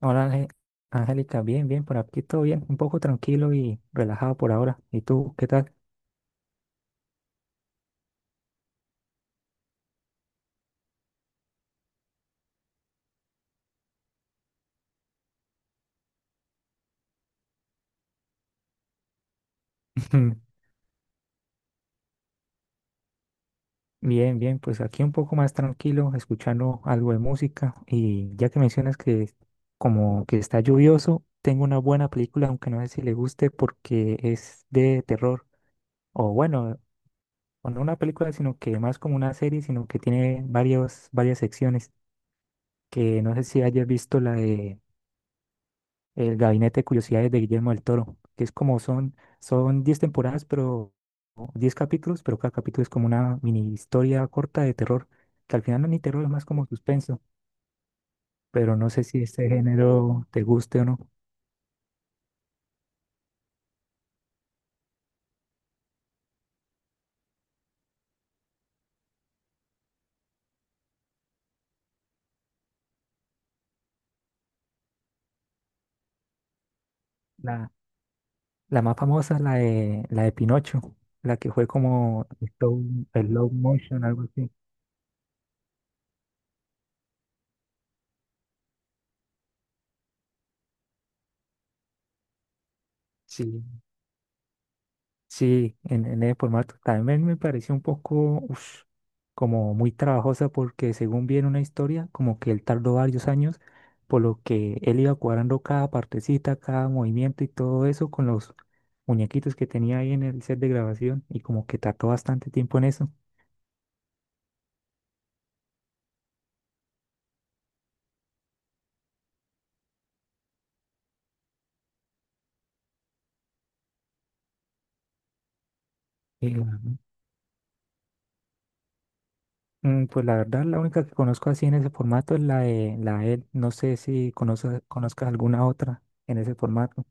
Hola, Angélica, bien, bien, por aquí todo bien, un poco tranquilo y relajado por ahora. ¿Y tú, qué tal? Bien, bien, pues aquí un poco más tranquilo, escuchando algo de música. Y ya que mencionas que como que está lluvioso, tengo una buena película, aunque no sé si le guste porque es de terror. O bueno, o no una película, sino que más como una serie, sino que tiene varias secciones. Que no sé si hayas visto la de El Gabinete de Curiosidades de Guillermo del Toro, que es como son 10 temporadas, pero o 10 capítulos, pero cada capítulo es como una mini historia corta de terror, que al final no es ni terror, es más como suspenso, pero no sé si este género te guste o no. La, la más famosa es la la de Pinocho, la que fue como el slow motion, algo así. Sí, sí, en el formato. También me pareció un poco, ush, como muy trabajosa porque según vi en una historia, como que él tardó varios años, por lo que él iba cuadrando cada partecita, cada movimiento y todo eso con los muñequitos que tenía ahí en el set de grabación y como que tardó bastante tiempo en eso. Eh, pues la verdad, la única que conozco así en ese formato es la de él. No sé si conozcas alguna otra en ese formato.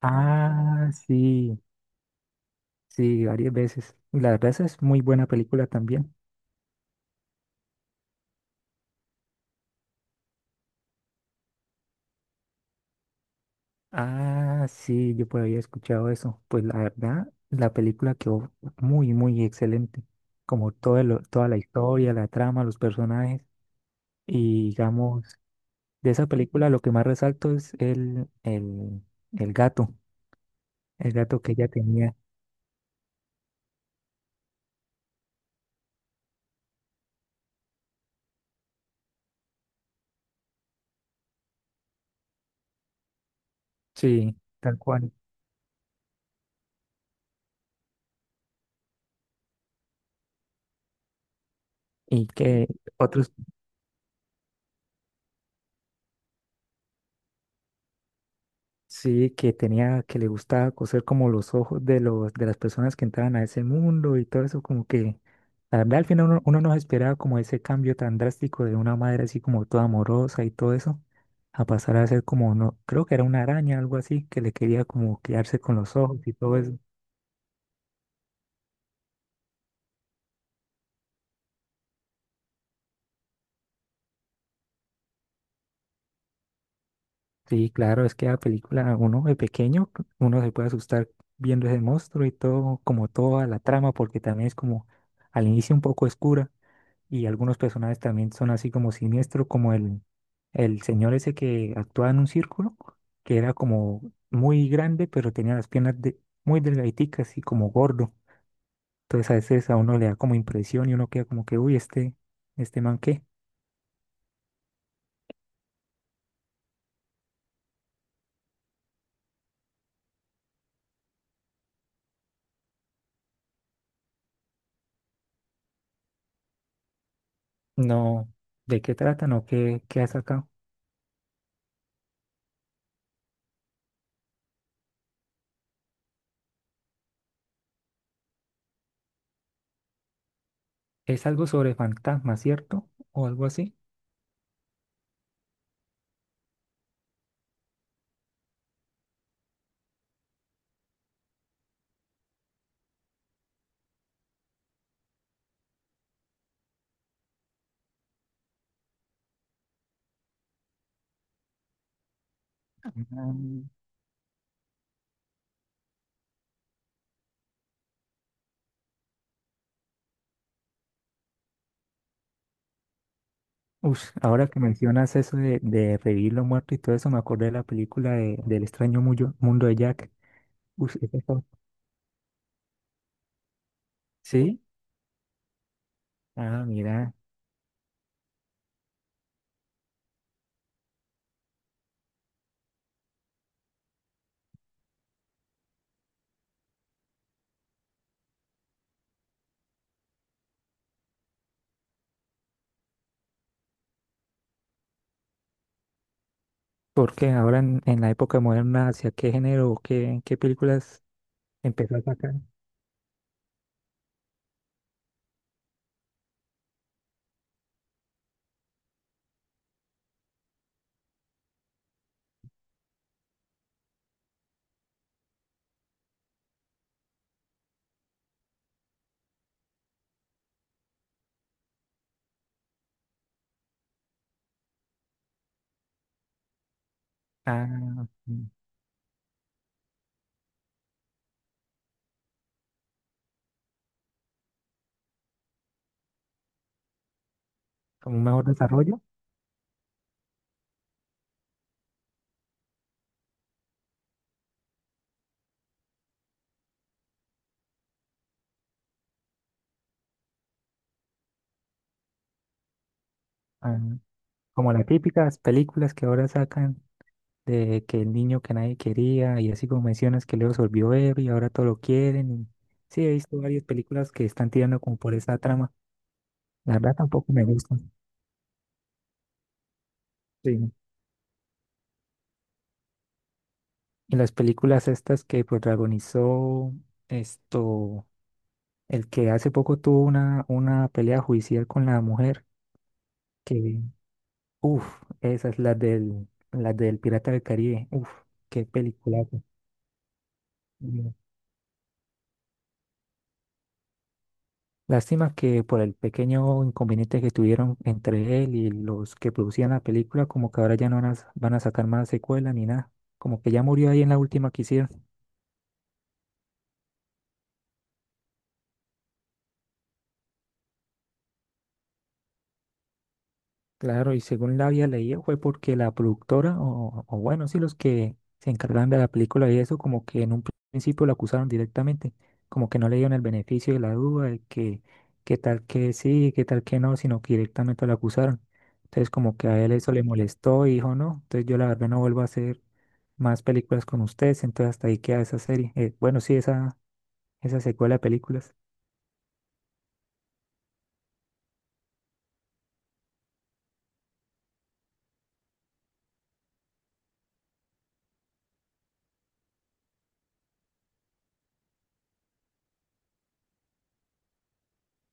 Ah, sí. Sí, varias veces. Y la verdad, esa es muy buena película también. Ah, sí, yo por ahí he escuchado eso. Pues la verdad, la película quedó muy, muy excelente. Como toda la historia, la trama, los personajes. Y digamos, de esa película lo que más resalto es el gato. El gato que ella tenía. Sí, tal cual. Y que otros Sí, que tenía, que le gustaba coser como los ojos de de las personas que entraban a ese mundo y todo eso, como que, la verdad, al final uno no se esperaba como ese cambio tan drástico de una madre así como toda amorosa y todo eso, a pasar a ser como, no, creo que era una araña, algo así, que le quería como quedarse con los ojos y todo eso. Sí, claro, es que la película, uno de pequeño, uno se puede asustar viendo ese monstruo y todo, como toda la trama, porque también es como al inicio un poco oscura. Y algunos personajes también son así como siniestros, como el señor ese que actuaba en un círculo, que era como muy grande, pero tenía muy delgaditicas y como gordo. Entonces a veces a uno le da como impresión y uno queda como que, uy, este man qué, no, ¿de qué tratan o qué ha sacado? Es algo sobre fantasmas, ¿cierto? O algo así. Mm. Ush, ahora que mencionas eso de revivir lo muerto y todo eso, me acordé de la película del extraño mundo de Jack. Ush, esa, sí, ah, mira, porque ahora en la época moderna, ¿hacia qué género o qué películas empezó a sacar? Ah, mm, como un mejor desarrollo, ah, como las típicas películas que ahora sacan de que el niño que nadie quería y así como mencionas que luego se volvió ver y ahora todo lo quieren. Y sí, he visto varias películas que están tirando como por esa trama. La verdad tampoco me gustan. Sí. Y las películas estas que protagonizó esto. El que hace poco tuvo una pelea judicial con la mujer, que, uff, esas, las del Pirata del Caribe, uff, qué película. Lástima que por el pequeño inconveniente que tuvieron entre él y los que producían la película, como que ahora ya no van a sacar más secuela ni nada, como que ya murió ahí en la última que hicieron. Claro, y según la había leído fue porque la productora, o bueno, sí, los que se encargaban de la película y eso, como que en un principio lo acusaron directamente, como que no le dieron el beneficio de la duda, de que qué tal que sí, qué tal que no, sino que directamente lo acusaron. Entonces como que a él eso le molestó y dijo, no, entonces yo la verdad no vuelvo a hacer más películas con ustedes, entonces hasta ahí queda esa serie. Bueno, sí, esa secuela de películas.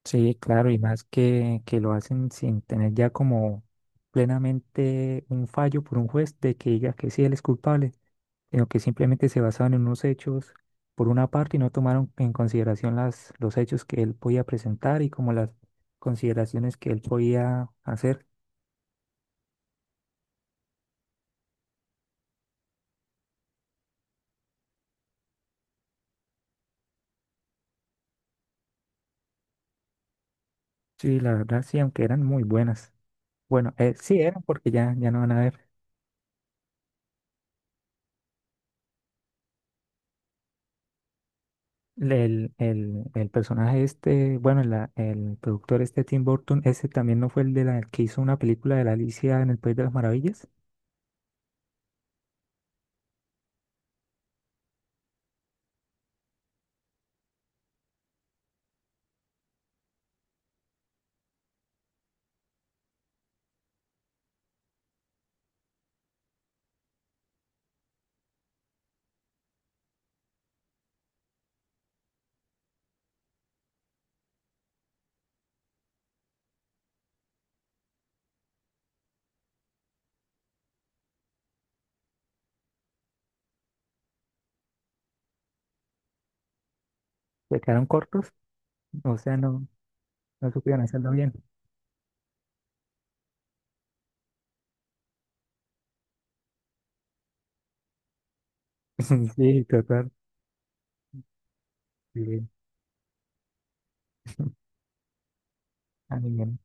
Sí, claro, y más que lo hacen sin tener ya como plenamente un fallo por un juez de que diga que sí, él es culpable, sino que simplemente se basaban en unos hechos por una parte y no tomaron en consideración los hechos que él podía presentar y como las consideraciones que él podía hacer. Sí, la verdad sí, aunque eran muy buenas. Bueno, sí eran porque ya no van a ver. El personaje este, bueno, el productor este Tim Burton, ese también no fue el de la que hizo una película de la Alicia en el País de las Maravillas. Se quedaron cortos, o sea, no, no supieron hacerlo bien. Sí, total. Sí, ah, bien.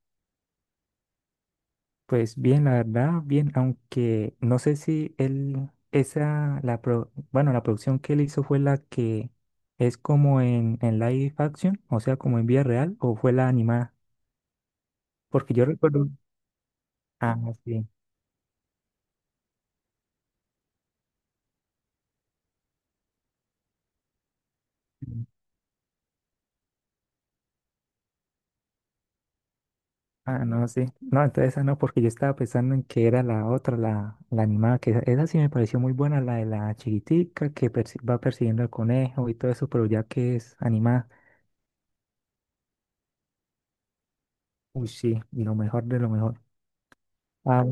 Pues bien, la verdad, bien, aunque no sé si él, esa, bueno, la producción que él hizo fue la que es como en live action, o sea, como en vida real, o fue la animada, porque yo recuerdo, ah, sí. Ah, no, sí. No, entonces esa no, porque yo estaba pensando en que era la otra, la animada, que esa sí me pareció muy buena, la de la chiquitica que va persiguiendo al conejo y todo eso, pero ya que es animada, uy, sí, y lo mejor de lo mejor. Ah,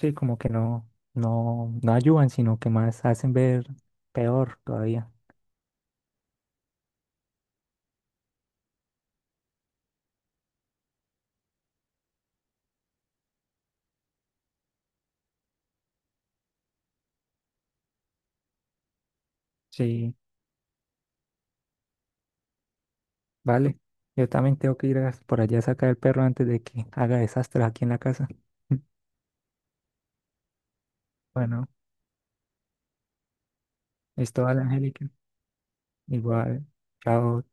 sí, como que no ayudan, sino que más hacen ver peor todavía. Sí, vale. Yo también tengo que por allá a sacar el perro antes de que haga desastres aquí en la casa. Bueno, esto vale, Angélica. Igual, chao.